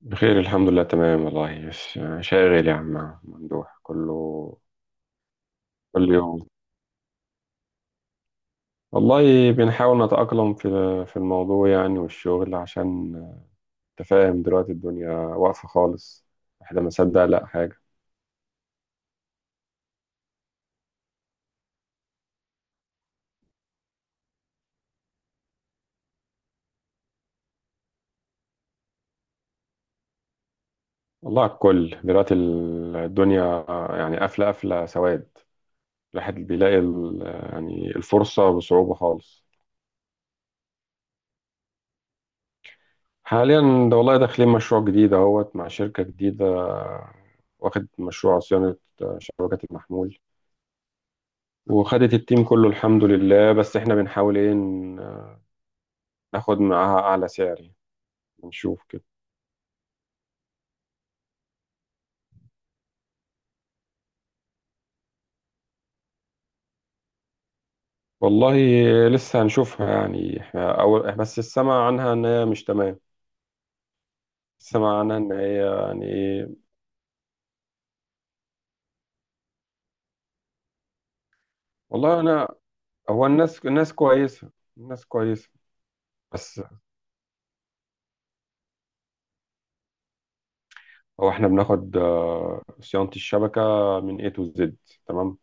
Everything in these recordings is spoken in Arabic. بخير، الحمد لله، تمام والله. بس شاغل يا عم ممدوح كله، كل يوم. والله بنحاول نتأقلم في الموضوع يعني، والشغل عشان تفاهم. دلوقتي الدنيا واقفة خالص، احنا ما صدق لا حاجة. والله على الكل دلوقتي، الدنيا يعني قافلة، قافلة سواد. الواحد بيلاقي يعني الفرصة بصعوبة خالص. حاليا ده والله داخلين مشروع جديد اهوت مع شركة جديدة، واخد مشروع صيانة شبكات المحمول، وخدت التيم كله الحمد لله. بس احنا بنحاول ايه، ناخد معاها اعلى سعر يعني، نشوف كده. والله لسه هنشوفها يعني، احنا اول بس السمع عنها ان هي مش تمام. السمع عنها ان هي يعني ايه. والله انا، هو الناس كويسة، الناس كويسة. بس هو احنا بناخد صيانة الشبكة من A to Z، تمام.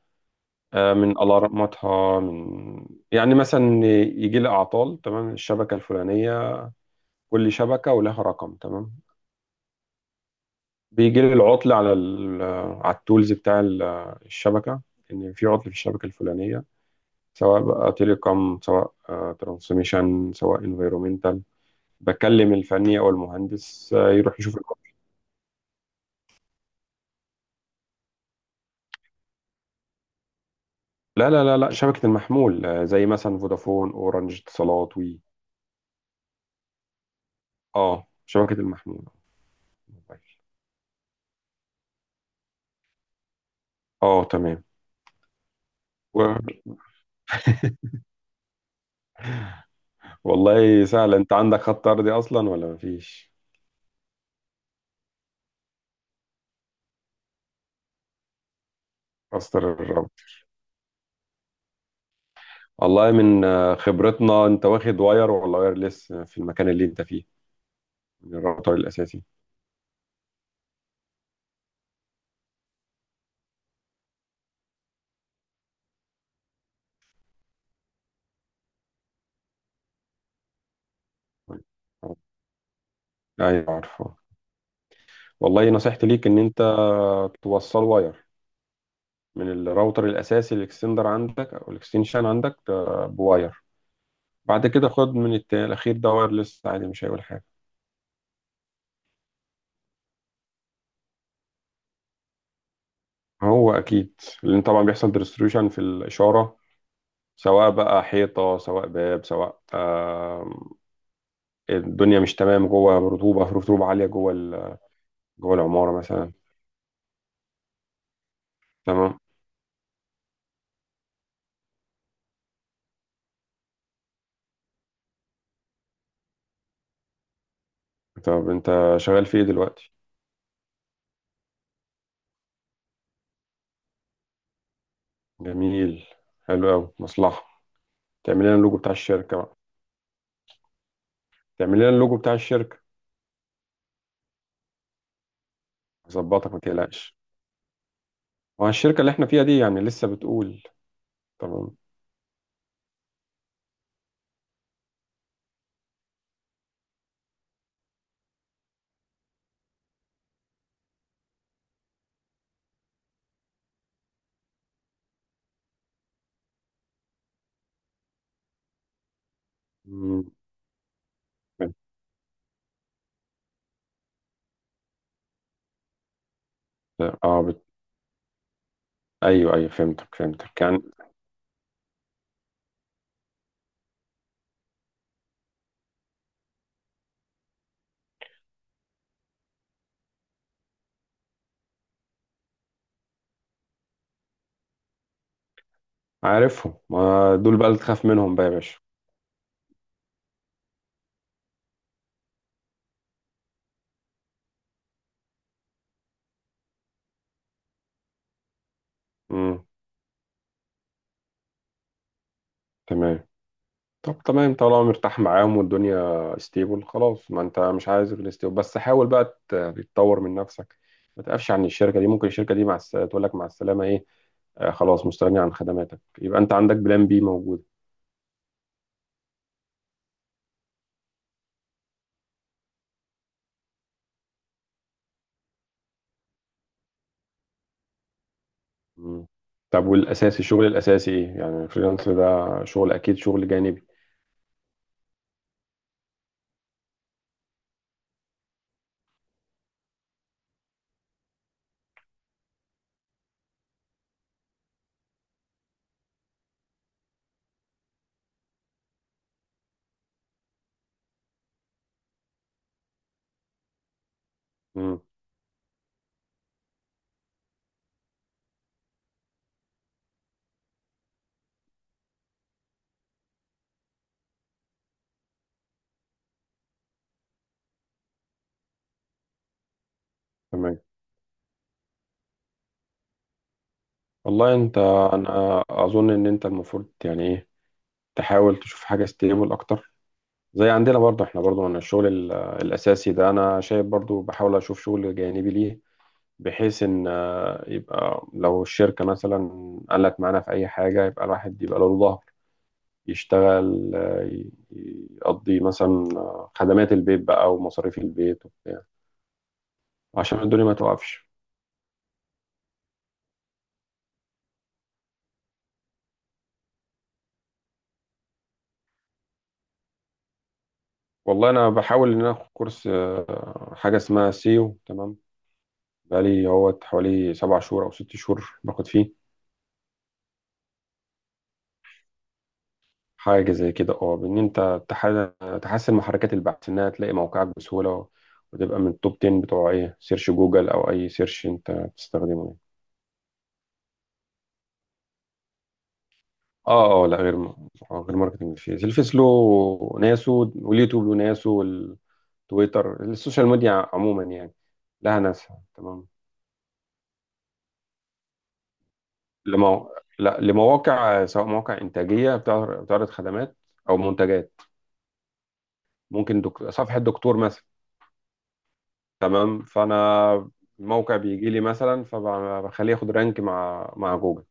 من الارماتها، من يعني مثلا، يجي لي اعطال، تمام. الشبكة الفلانية كل شبكة ولها رقم، تمام. بيجي لي العطل على ال على التولز بتاع الشبكة، إن في عطل في الشبكة الفلانية، سواء بقى تيليكوم، سواء ترانسميشن، سواء انفيرومنتال. بكلم الفني أو المهندس، يروح يشوف العطل. لا لا لا لا، شبكة المحمول، زي مثلا فودافون، أورنج، اتصالات، وي. اه، شبكة المحمول. اه تمام. و- والله سهل. انت عندك خط أرضي أصلا ولا مفيش؟ استر الرب. والله من خبرتنا، انت واخد واير ولا وايرلس في المكان اللي انت فيه، الراوتر الأساسي؟ أيوة عارفه. والله نصيحتي ليك إن أنت توصل واير من الراوتر الأساسي. الإكستندر عندك أو الإكستنشن عندك، بواير. بعد كده خد من الأخير ده وايرلس عادي، مش هيقول حاجة. هو أكيد، لأن طبعا بيحصل ديستريبيوشن في الإشارة، سواء بقى حيطة، سواء باب، سواء، الدنيا مش تمام جوه، رطوبة، في رطوبة عالية جوه جوه العمارة مثلا. تمام. طب أنت شغال في إيه دلوقتي؟ جميل، حلو أوي، مصلحة. تعمل لنا اللوجو بتاع الشركه بقى. تعمل لنا اللوجو بتاع الشركه. هظبطك ما تقلقش. وعن الشركه اللي احنا فيها دي يعني، لسه بتقول. تمام. مم. بت- اه، ايوه ايوه، فهمتك، فهمتك يعني. عارفهم، ما دول بقى اللي تخاف منهم بقى يا باشا. امم تمام. طب تمام، طالما مرتاح معاهم والدنيا ستيبل خلاص. ما انت مش عايز غير ستيبل، بس حاول بقى تتطور من نفسك، ما تقفش عن الشركه دي. ممكن الشركه دي مع تقول لك مع السلامه ايه، آه خلاص مستغني عن خدماتك. يبقى انت عندك بلان بي موجود. مم. طب والاساسي، الشغل الاساسي ايه يعني؟ الفريلانس ده شغل، اكيد شغل جانبي. مم. تمام. والله انت، انا اظن ان انت المفروض يعني ايه، تحاول تشوف حاجه ستيبل اكتر. زي عندنا برضه، احنا برضه من الشغل الاساسي ده، انا شايف برضه بحاول اشوف شغل جانبي ليه، بحيث ان يبقى لو الشركه مثلا قالت معانا في اي حاجه، يبقى الواحد يبقى له ظهر يشتغل، يقضي مثلا خدمات البيت بقى ومصاريف البيت عشان الدنيا ما توقفش. والله انا بحاول ان انا اخد كورس، حاجه اسمها سيو، تمام. بقالي هو حوالي 7 شهور او 6 شهور باخد فيه، حاجه زي كده. اه، بان انت تحسن محركات البحث انها تلاقي موقعك بسهوله، وتبقى من التوب 10 بتوع ايه سيرش جوجل او اي سيرش انت بتستخدمه يعني. اه اه، لا، غير غير ماركتنج. فيه الفيس له ناسه، واليوتيوب له ناسه، والتويتر، السوشيال ميديا عموما يعني لها ناسها، تمام. لا، لمواقع، سواء مواقع إنتاجية بتعرض خدمات أو منتجات. ممكن صفحة دكتور مثلا. تمام. فأنا الموقع بيجي لي مثلا، فبخليه ياخد رانك مع جوجل.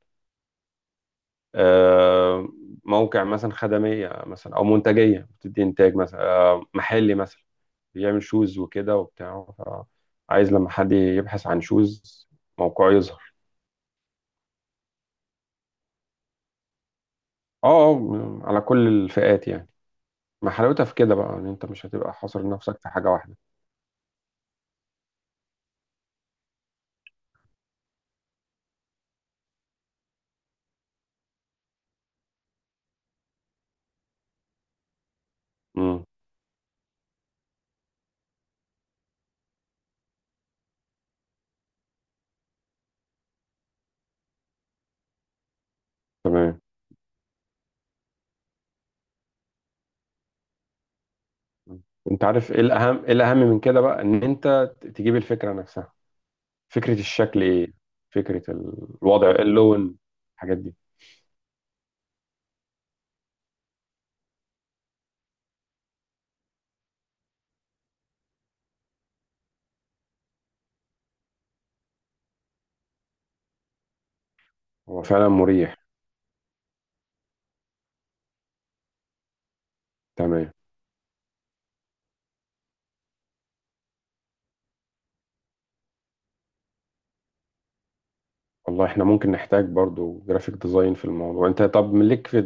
آه، موقع مثلا خدمية مثلا أو منتجية بتدي إنتاج مثلا، محلي مثلا، بيعمل شوز وكده وبتاع. عايز لما حد يبحث عن شوز موقعه يظهر. اه، على كل الفئات يعني. ما حلاوتها في كده بقى، ان انت مش هتبقى حاصر نفسك في حاجة واحدة. مم. تمام. مم. انت عارف ايه الاهم، ايه الاهم من كده بقى، ان انت تجيب الفكره نفسها، فكره الشكل ايه، فكره الوضع، اللون، الحاجات دي. هو فعلا مريح. تمام. والله احنا ممكن نحتاج برضو جرافيك ديزاين في الموضوع. انت طب ليك في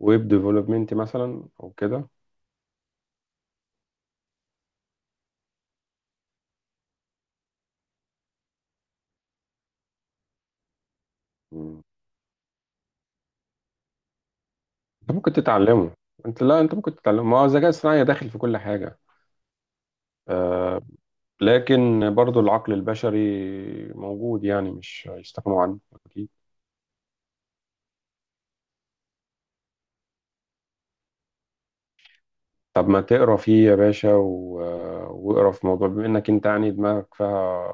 ويب ديفلوبمنت مثلا او كده؟ مم. انت ممكن تتعلمه. انت لا انت ممكن تتعلمه. ما هو الذكاء الصناعي داخل في كل حاجه، آه لكن برضو العقل البشري موجود، يعني مش هيستغنوا عنه. أكيد. طب ما تقرا فيه يا باشا واقرا في موضوع، بما انك انت يعني دماغك فيها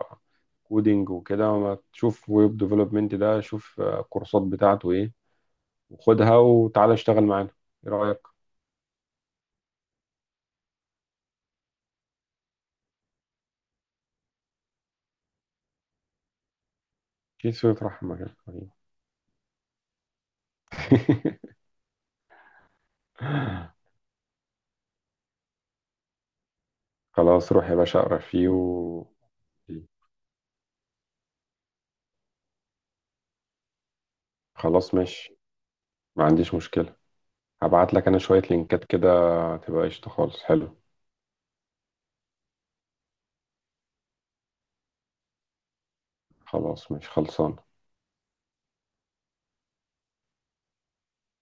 كودينج وكده، ما تشوف ويب ديفلوبمنت ده، شوف الكورسات بتاعته ايه وخدها وتعالى اشتغل معانا. ايه رايك؟ كيس رحمه يا حبيبي. خلاص روح يا باشا اقرا فيه خلاص ماشي، ما عنديش مشكله. هبعت لك انا شويه لينكات كده، تبقى قشطه خالص، حلو. خلاص ماشي خلصان.